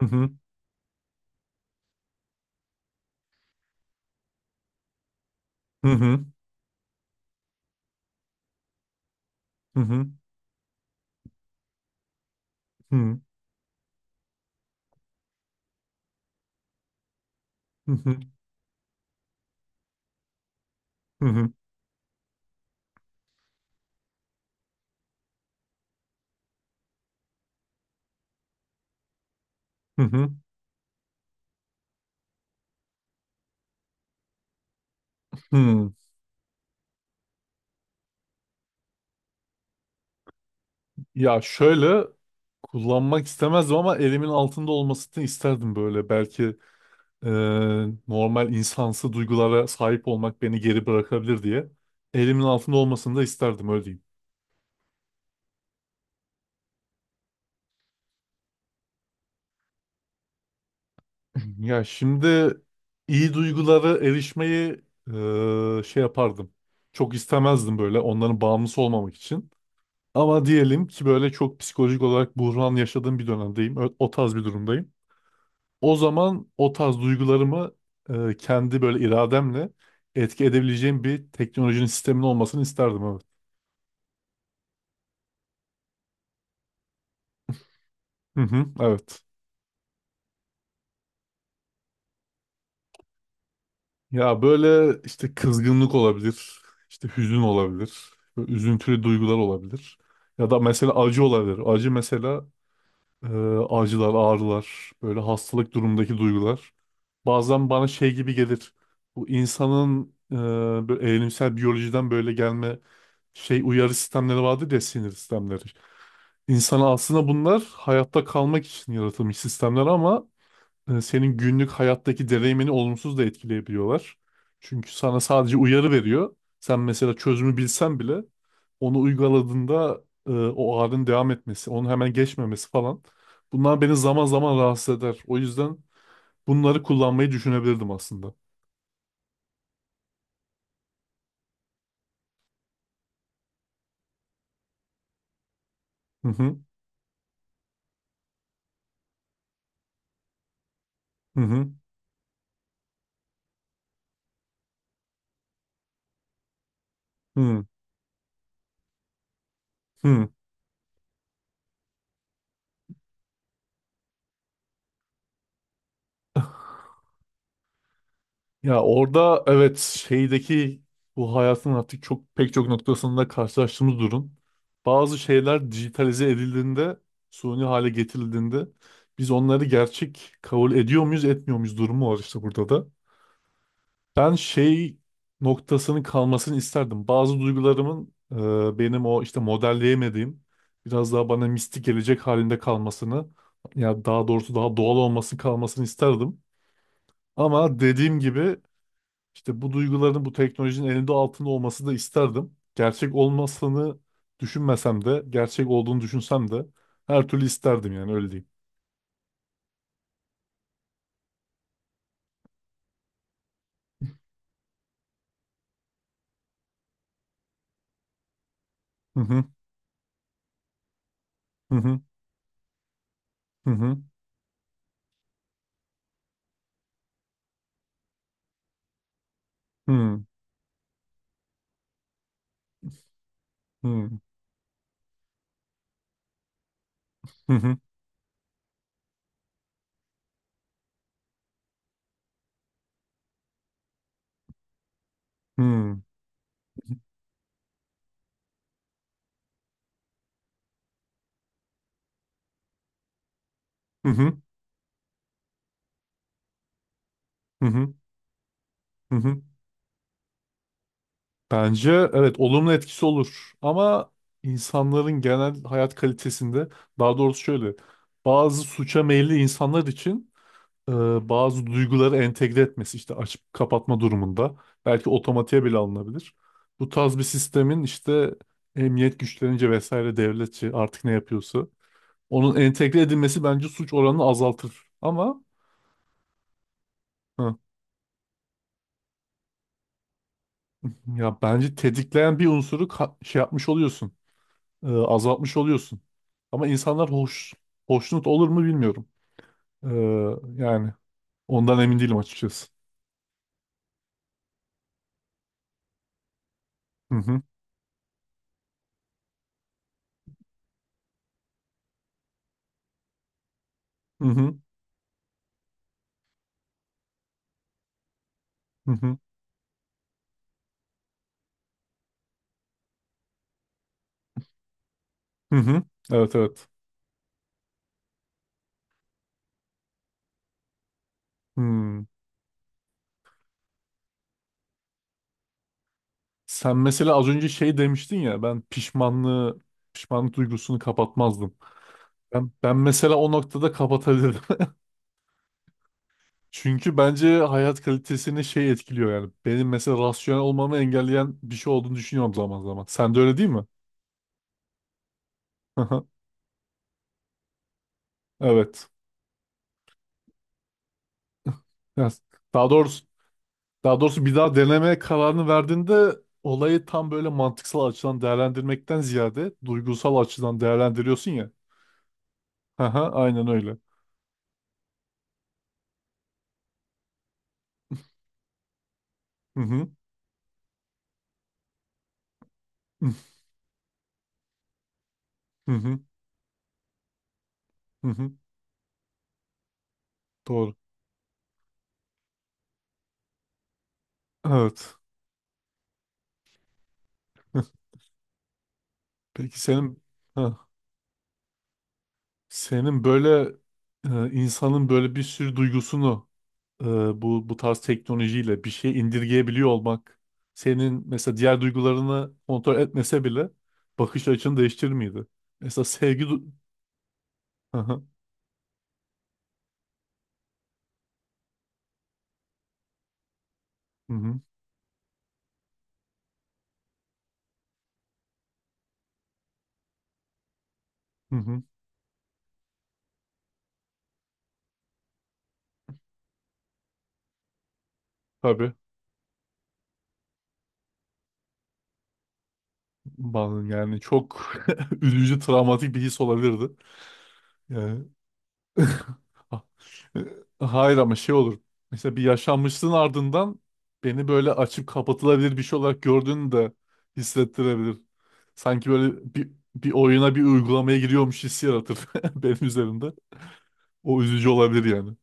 Hı hı, hı hı, hı hı, hı hı, hı hı, hı hı, hı. Ya şöyle kullanmak istemezdim ama elimin altında olmasını isterdim böyle. Belki e, normal insansı duygulara sahip olmak beni geri bırakabilir diye. Elimin altında olmasını da isterdim öyle diyeyim. Ya şimdi iyi duygulara erişmeyi şey yapardım. Çok istemezdim böyle onların bağımlısı olmamak için. Ama diyelim ki böyle çok psikolojik olarak buhran yaşadığım bir dönemdeyim. O tarz bir durumdayım. O zaman o tarz duygularımı kendi böyle irademle etki edebileceğim bir teknolojinin sistemin olmasını isterdim evet. Hı hı, evet. Ya böyle işte kızgınlık olabilir, işte hüzün olabilir, böyle üzüntülü duygular olabilir. Ya da mesela acı olabilir. Acı mesela Ee, acılar, ağrılar, böyle hastalık durumundaki duygular. Bazen bana şey gibi gelir. Bu insanın böyle evrimsel biyolojiden böyle gelme şey uyarı sistemleri vardır ya sinir sistemleri. İnsan aslında bunlar hayatta kalmak için yaratılmış sistemler ama senin günlük hayattaki deneyimini olumsuz da etkileyebiliyorlar. Çünkü sana sadece uyarı veriyor. Sen mesela çözümü bilsen bile onu uyguladığında o ağrının devam etmesi, onu hemen geçmemesi falan. Bunlar beni zaman zaman rahatsız eder. O yüzden bunları kullanmayı düşünebilirdim aslında. Hı hı hı hı hı. Hı. Ya orada evet şeydeki bu hayatın artık çok pek çok noktasında karşılaştığımız durum. Bazı şeyler dijitalize edildiğinde, suni hale getirildiğinde biz onları gerçek kabul ediyor muyuz, etmiyor muyuz durumu var işte burada da. Ben şey noktasının kalmasını isterdim. Bazı duygularımın benim o işte modelleyemediğim biraz daha bana mistik gelecek halinde kalmasını ya daha doğrusu daha doğal olması kalmasını isterdim. Ama dediğim gibi işte bu duyguların bu teknolojinin elinde altında olması da isterdim. Gerçek olmasını düşünmesem de, gerçek olduğunu düşünsem de her türlü isterdim yani öyle diyeyim. Hı hı hı hı hı hı hı hı hı hı hı hı hı hı hı hı. Bence evet olumlu etkisi olur ama insanların genel hayat kalitesinde daha doğrusu şöyle bazı suça meyilli insanlar için e, bazı duyguları entegre etmesi işte açıp kapatma durumunda belki otomatiğe bile alınabilir. Bu tarz bir sistemin işte emniyet güçlerince vesaire devletçi artık ne yapıyorsa onun entegre edilmesi bence suç oranını azaltır. Ama hı, ya bence tetikleyen bir unsuru şey yapmış oluyorsun, azaltmış oluyorsun. Ama insanlar hoş hoşnut olur mu bilmiyorum. E, yani ondan emin değilim açıkçası. Hı hı hı hı hı hı. Hı hı. Evet evet. Hmm. Sen mesela az önce şey demiştin ya ben pişmanlığı pişmanlık duygusunu kapatmazdım. Ben mesela o noktada kapatabilirim. Çünkü bence hayat kalitesini şey etkiliyor yani. Benim mesela rasyonel olmamı engelleyen bir şey olduğunu düşünüyorum zaman zaman. Sen de öyle değil mi? Evet. Yani daha doğrusu daha doğrusu bir daha denemeye kararını verdiğinde olayı tam böyle mantıksal açıdan değerlendirmekten ziyade duygusal açıdan değerlendiriyorsun ya. Aha Aynen öyle. Hı hı. Hı hı. Hı hı. Doğru. Evet. Peki senin ha, senin böyle insanın böyle bir sürü duygusunu e, bu tarz teknolojiyle bir şey indirgeyebiliyor olmak senin mesela diğer duygularını kontrol etmese bile bakış açını değiştirir miydi? Mesela Hı hı, hı hı, hı hı. Tabii bazen yani çok üzücü travmatik bir his olabilirdi. Yani Ha- e, Hayır ama şey olur. Mesela bir yaşanmışlığın ardından beni böyle açıp kapatılabilir bir şey olarak gördüğünü de hissettirebilir. Sanki böyle bir oyuna bir uygulamaya giriyormuş hissi yaratır benim üzerimde. O üzücü olabilir yani.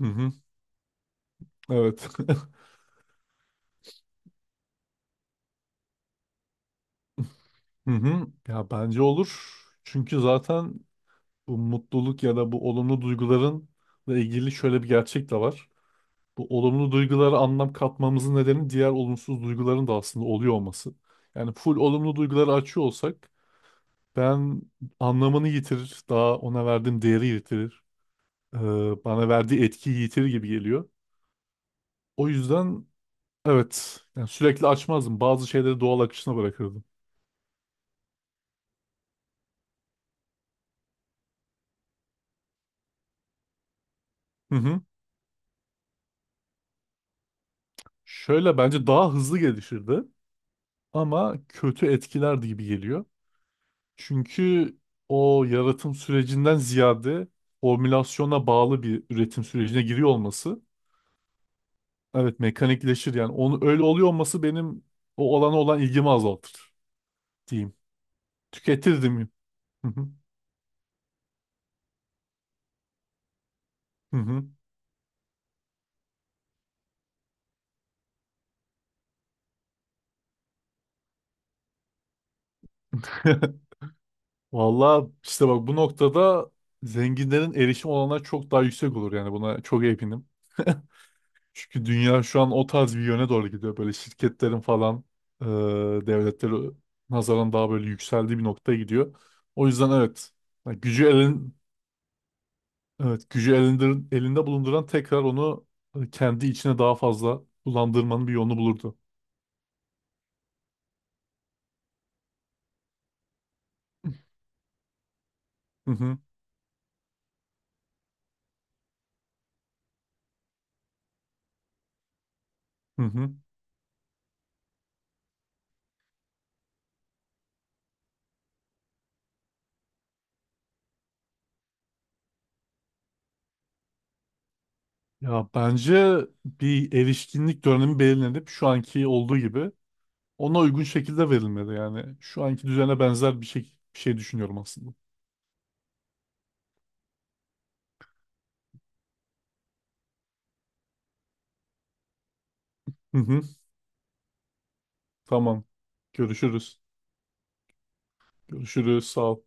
Hı hı. Evet. Hı hı. Ya bence olur. Çünkü zaten bu mutluluk ya da bu olumlu duygularınla ilgili şöyle bir gerçek de var. Bu olumlu duygulara anlam katmamızın nedeni diğer olumsuz duyguların da aslında oluyor olması. Yani full olumlu duyguları açıyor olsak ben anlamını yitirir, daha ona verdiğim değeri yitirir, eee, bana verdiği etkiyi yitirir gibi geliyor. O yüzden evet yani sürekli açmazdım. Bazı şeyleri doğal akışına bırakırdım. Hı hı. Şöyle bence daha hızlı gelişirdi ama kötü etkilerdi gibi geliyor. Çünkü o yaratım sürecinden ziyade formülasyona bağlı bir üretim sürecine giriyor olması evet mekanikleşir yani onu öyle oluyor olması benim o olana olan ilgimi azaltır diyeyim. Tüketirdim. Hı hı. Hı hı. Valla işte bak bu noktada zenginlerin erişim olanlar çok daha yüksek olur yani buna çok eminim. Çünkü dünya şu an o tarz bir yöne doğru gidiyor. Böyle şirketlerin falan e, devletleri nazaran daha böyle yükseldiği bir noktaya gidiyor. O yüzden evet yani gücü elin evet gücü elindir, elinde bulunduran tekrar onu kendi içine daha fazla kullandırmanın bir yolunu bulurdu. Hı hı, hı hı. Ya bence bir erişkinlik dönemi belirlenip şu anki olduğu gibi ona uygun şekilde verilmeli. Yani şu anki düzene benzer bir şey, bir şey düşünüyorum aslında. Hı hı, tamam. Görüşürüz. Görüşürüz. Sağ ol.